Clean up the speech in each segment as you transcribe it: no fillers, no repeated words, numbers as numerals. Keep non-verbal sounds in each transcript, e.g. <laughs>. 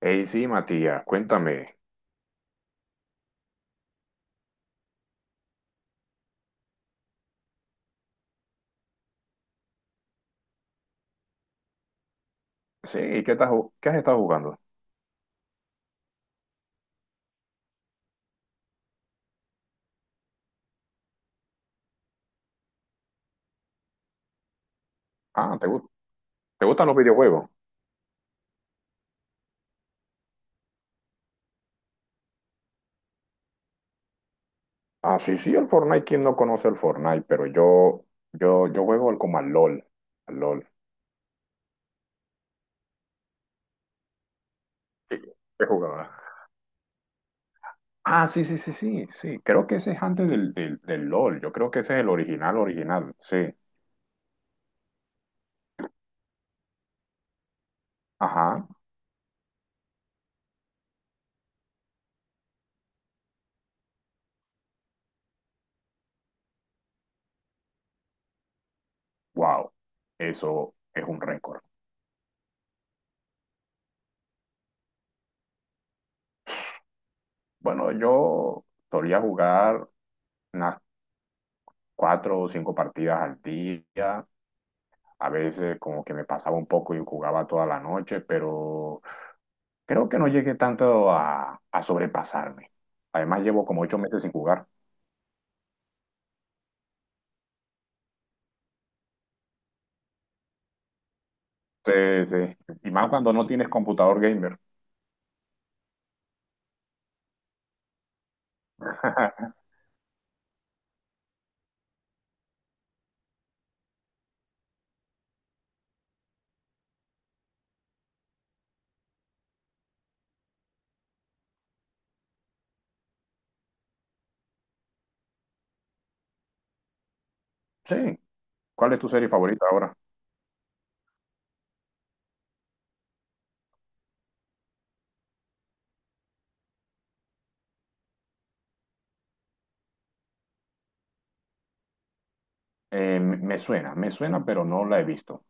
Hey, sí, Matías, cuéntame. Sí, ¿qué estás, qué has estado jugando? Ah, ¿te, gu- Te gustan los videojuegos? Ah, sí, sí, el Fortnite, ¿quién no conoce el Fortnite? Pero yo, yo juego como al LOL, al LOL. ¿Qué, qué jugaba? Ah, sí, sí, sí, sí, sí. Creo que ese es antes del LOL. Yo creo que ese es el original, original. Sí. Ajá. Wow. Eso es un récord. Bueno, yo solía jugar unas cuatro o cinco partidas al día. A veces como que me pasaba un poco y jugaba toda la noche, pero creo que no llegué tanto a sobrepasarme. Además llevo como 8 meses sin jugar. Sí, sí. Y más cuando no tienes computador gamer. <laughs> Sí. ¿Cuál es tu serie favorita ahora? Me suena, me suena, pero no la he visto.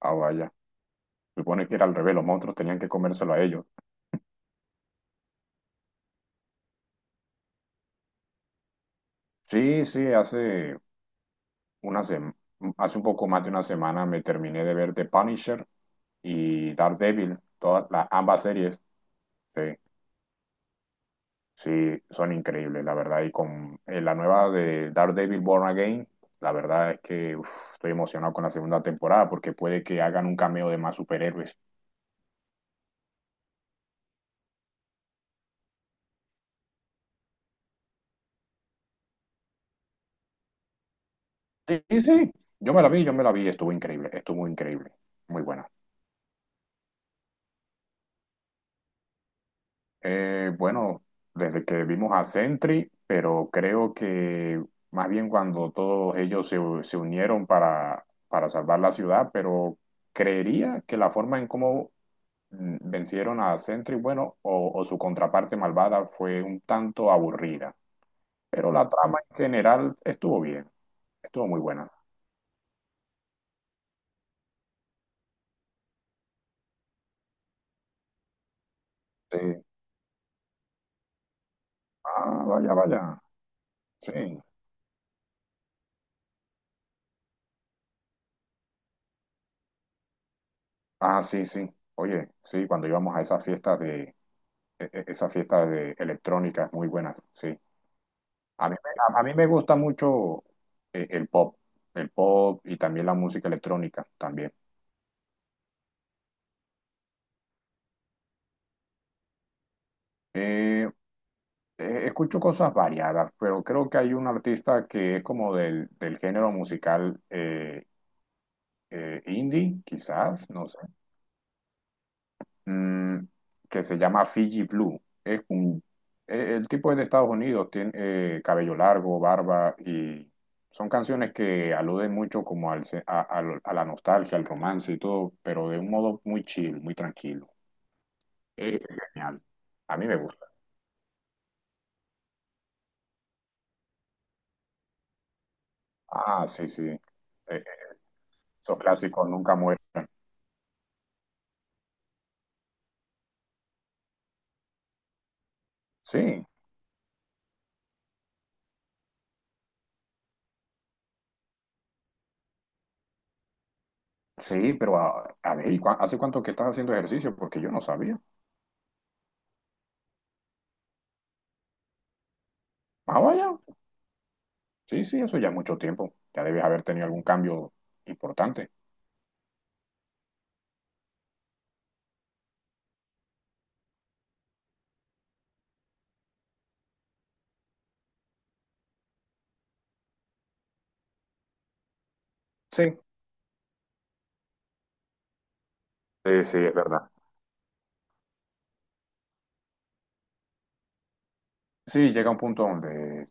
Ah, vaya. Supone que era al revés, los monstruos tenían que comérselo a ellos. Sí, sí, hace una sem- hace un poco más de una semana me terminé de ver The Punisher y Daredevil, todas las ambas series. Sí. Sí, son increíbles, la verdad. Y con la nueva de Daredevil Born Again, la verdad es que uf, estoy emocionado con la segunda temporada porque puede que hagan un cameo de más superhéroes. Sí, sí, sí. Yo me la vi, estuvo increíble, muy buena. Bueno, desde que vimos a Sentry, pero creo que más bien cuando todos ellos se unieron para salvar la ciudad, pero creería que la forma en cómo vencieron a Sentry, bueno, o su contraparte malvada fue un tanto aburrida, pero la trama en general estuvo bien, estuvo muy buena. Sí. Ah, vaya, vaya. Sí. Ah, sí, sí. Oye, sí, cuando íbamos a esas fiestas de esas fiestas de electrónicas muy buenas, sí. A mí, me- a, A mí me gusta mucho eh, el pop, el pop y también la música electrónica también. Eh, escucho cosas variadas, pero creo que hay un artista que es como del género musical indie, quizás, no sé, mm, que se llama Fiji Blue. El tipo es de Estados Unidos, tiene cabello largo, barba y son canciones que aluden mucho como al, se- a- lo- a la nostalgia, al romance y todo, pero de un modo muy chill, muy tranquilo. Es genial. A mí me gusta. Ah, sí, sí. Eh, esos clásicos nunca mueren. Sí. Sí, pero a ver, ¿y hace cuánto que estás haciendo ejercicio? Porque yo no sabía. Ah, vaya. Sí, sí, eso ya mucho tiempo. Ya debes haber tenido algún cambio importante. Sí, sí, sí, es verdad. Sí, llega un punto donde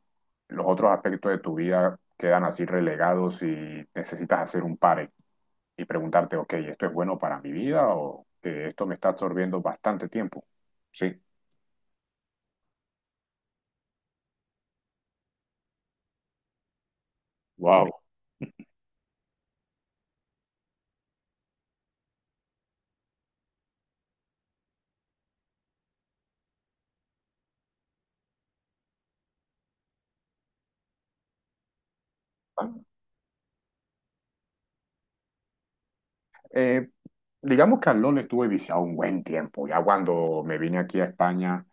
los otros aspectos de tu vida quedan así relegados y necesitas hacer un pare y preguntarte, ok, ¿esto es bueno para mi vida o que esto me está absorbiendo bastante tiempo? Sí. Wow. Eh, digamos que al LOL estuve viciado un buen tiempo. Ya cuando me vine aquí a España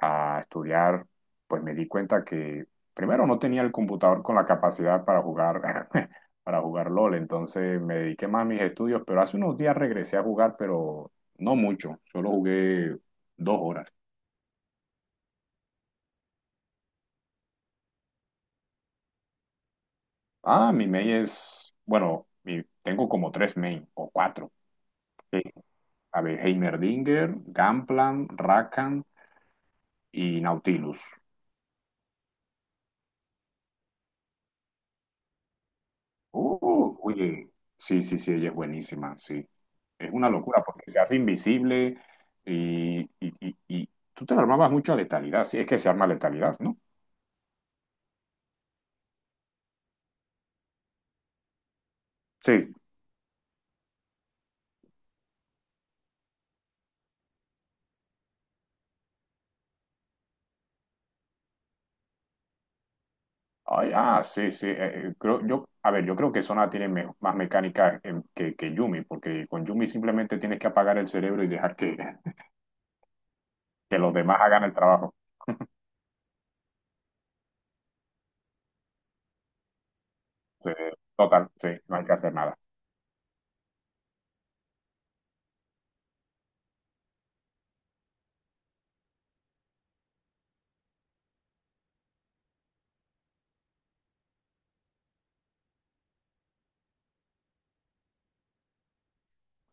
a estudiar, pues me di cuenta que primero no tenía el computador con la capacidad para jugar, <laughs> para jugar LOL, entonces me dediqué más a mis estudios, pero hace unos días regresé a jugar, pero no mucho, solo jugué 2 horas. Ah, mi main es, bueno, tengo como tres main o cuatro. Sí. A ver, Heimerdinger, Gangplank, Rakan y Nautilus. Oye, sí, sí, sí, ella es buenísima, sí. Es una locura porque se hace invisible y tú te la armabas mucho a letalidad, sí, es que se arma letalidad, ¿no? Sí. Ay, ah, sí, sí. A ver, yo creo que Sona tiene más mecánica que Yumi, porque con Yumi simplemente tienes que apagar el cerebro y dejar que, <laughs> que los demás hagan el trabajo. Total, sí, no hay que hacer nada.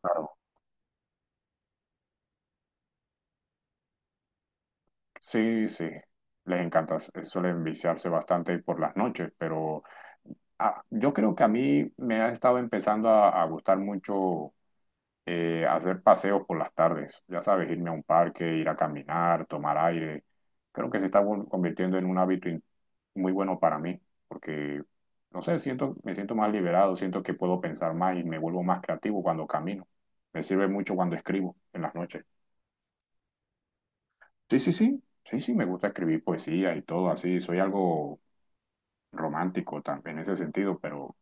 Claro. Sí, sí, les encanta, suelen viciarse bastante por las noches, pero... Ah, yo creo que a mí me ha estado empezando a gustar mucho hacer paseos por las tardes, ya sabes, irme a un parque, ir a caminar, tomar aire. Creo que se está convirtiendo en un hábito muy bueno para mí, porque, no sé, siento, me siento más liberado, siento que puedo pensar más y me vuelvo más creativo cuando camino. Me sirve mucho cuando escribo en las noches. Sí, sí, sí, sí, sí, me gusta escribir poesía y todo así, soy algo romántico también en ese sentido, pero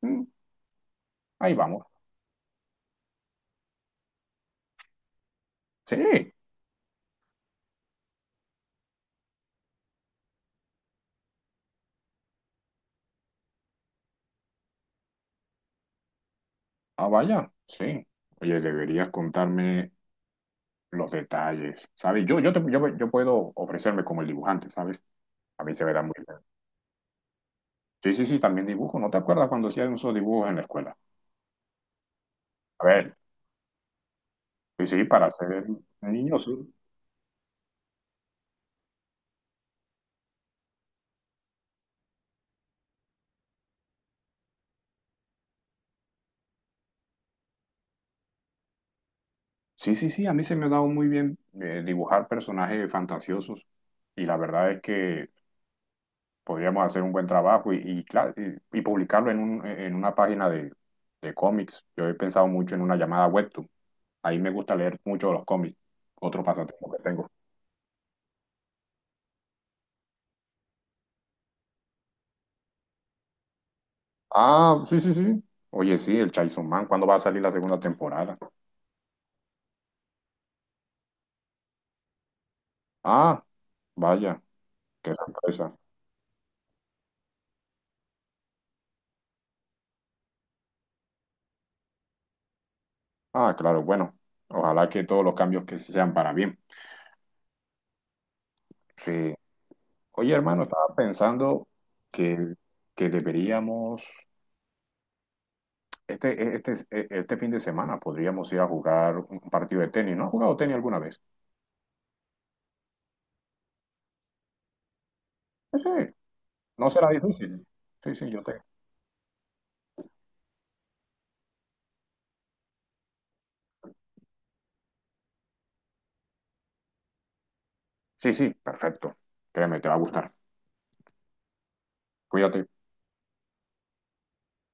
mm, ahí vamos. Sí. Ah, vaya, sí. Oye, deberías contarme los detalles, ¿sabes? Yo, yo puedo ofrecerme como el dibujante, ¿sabes? A mí se me da muy bien. Sí, sí, sí, también dibujo. ¿No te acuerdas cuando hacían esos dibujos en la escuela? A ver, sí, sí, para ser niños. Sí, sí, sí, sí, a mí se me ha dado muy bien dibujar personajes fantasiosos y la verdad es que podríamos hacer un buen trabajo y, claro, y publicarlo en una página de cómics. Yo he pensado mucho en una llamada web. Ahí me gusta leer mucho los cómics, otro pasatiempo que tengo. Ah, sí, sí, sí. Oye, sí, el Chainsaw Man, ¿cuándo va a salir la segunda temporada? Ah, vaya, qué sorpresa. Ah, claro, bueno, ojalá que todos los cambios que se sean para bien. Sí. Oye, hermano, estaba pensando que, que deberíamos, este fin de semana podríamos ir a jugar un partido de tenis. ¿No has jugado tenis alguna vez? Sí, sí, no será difícil. Sí, sí, yo te... Sí, sí, perfecto. Créeme, te va a gustar. Cuídate.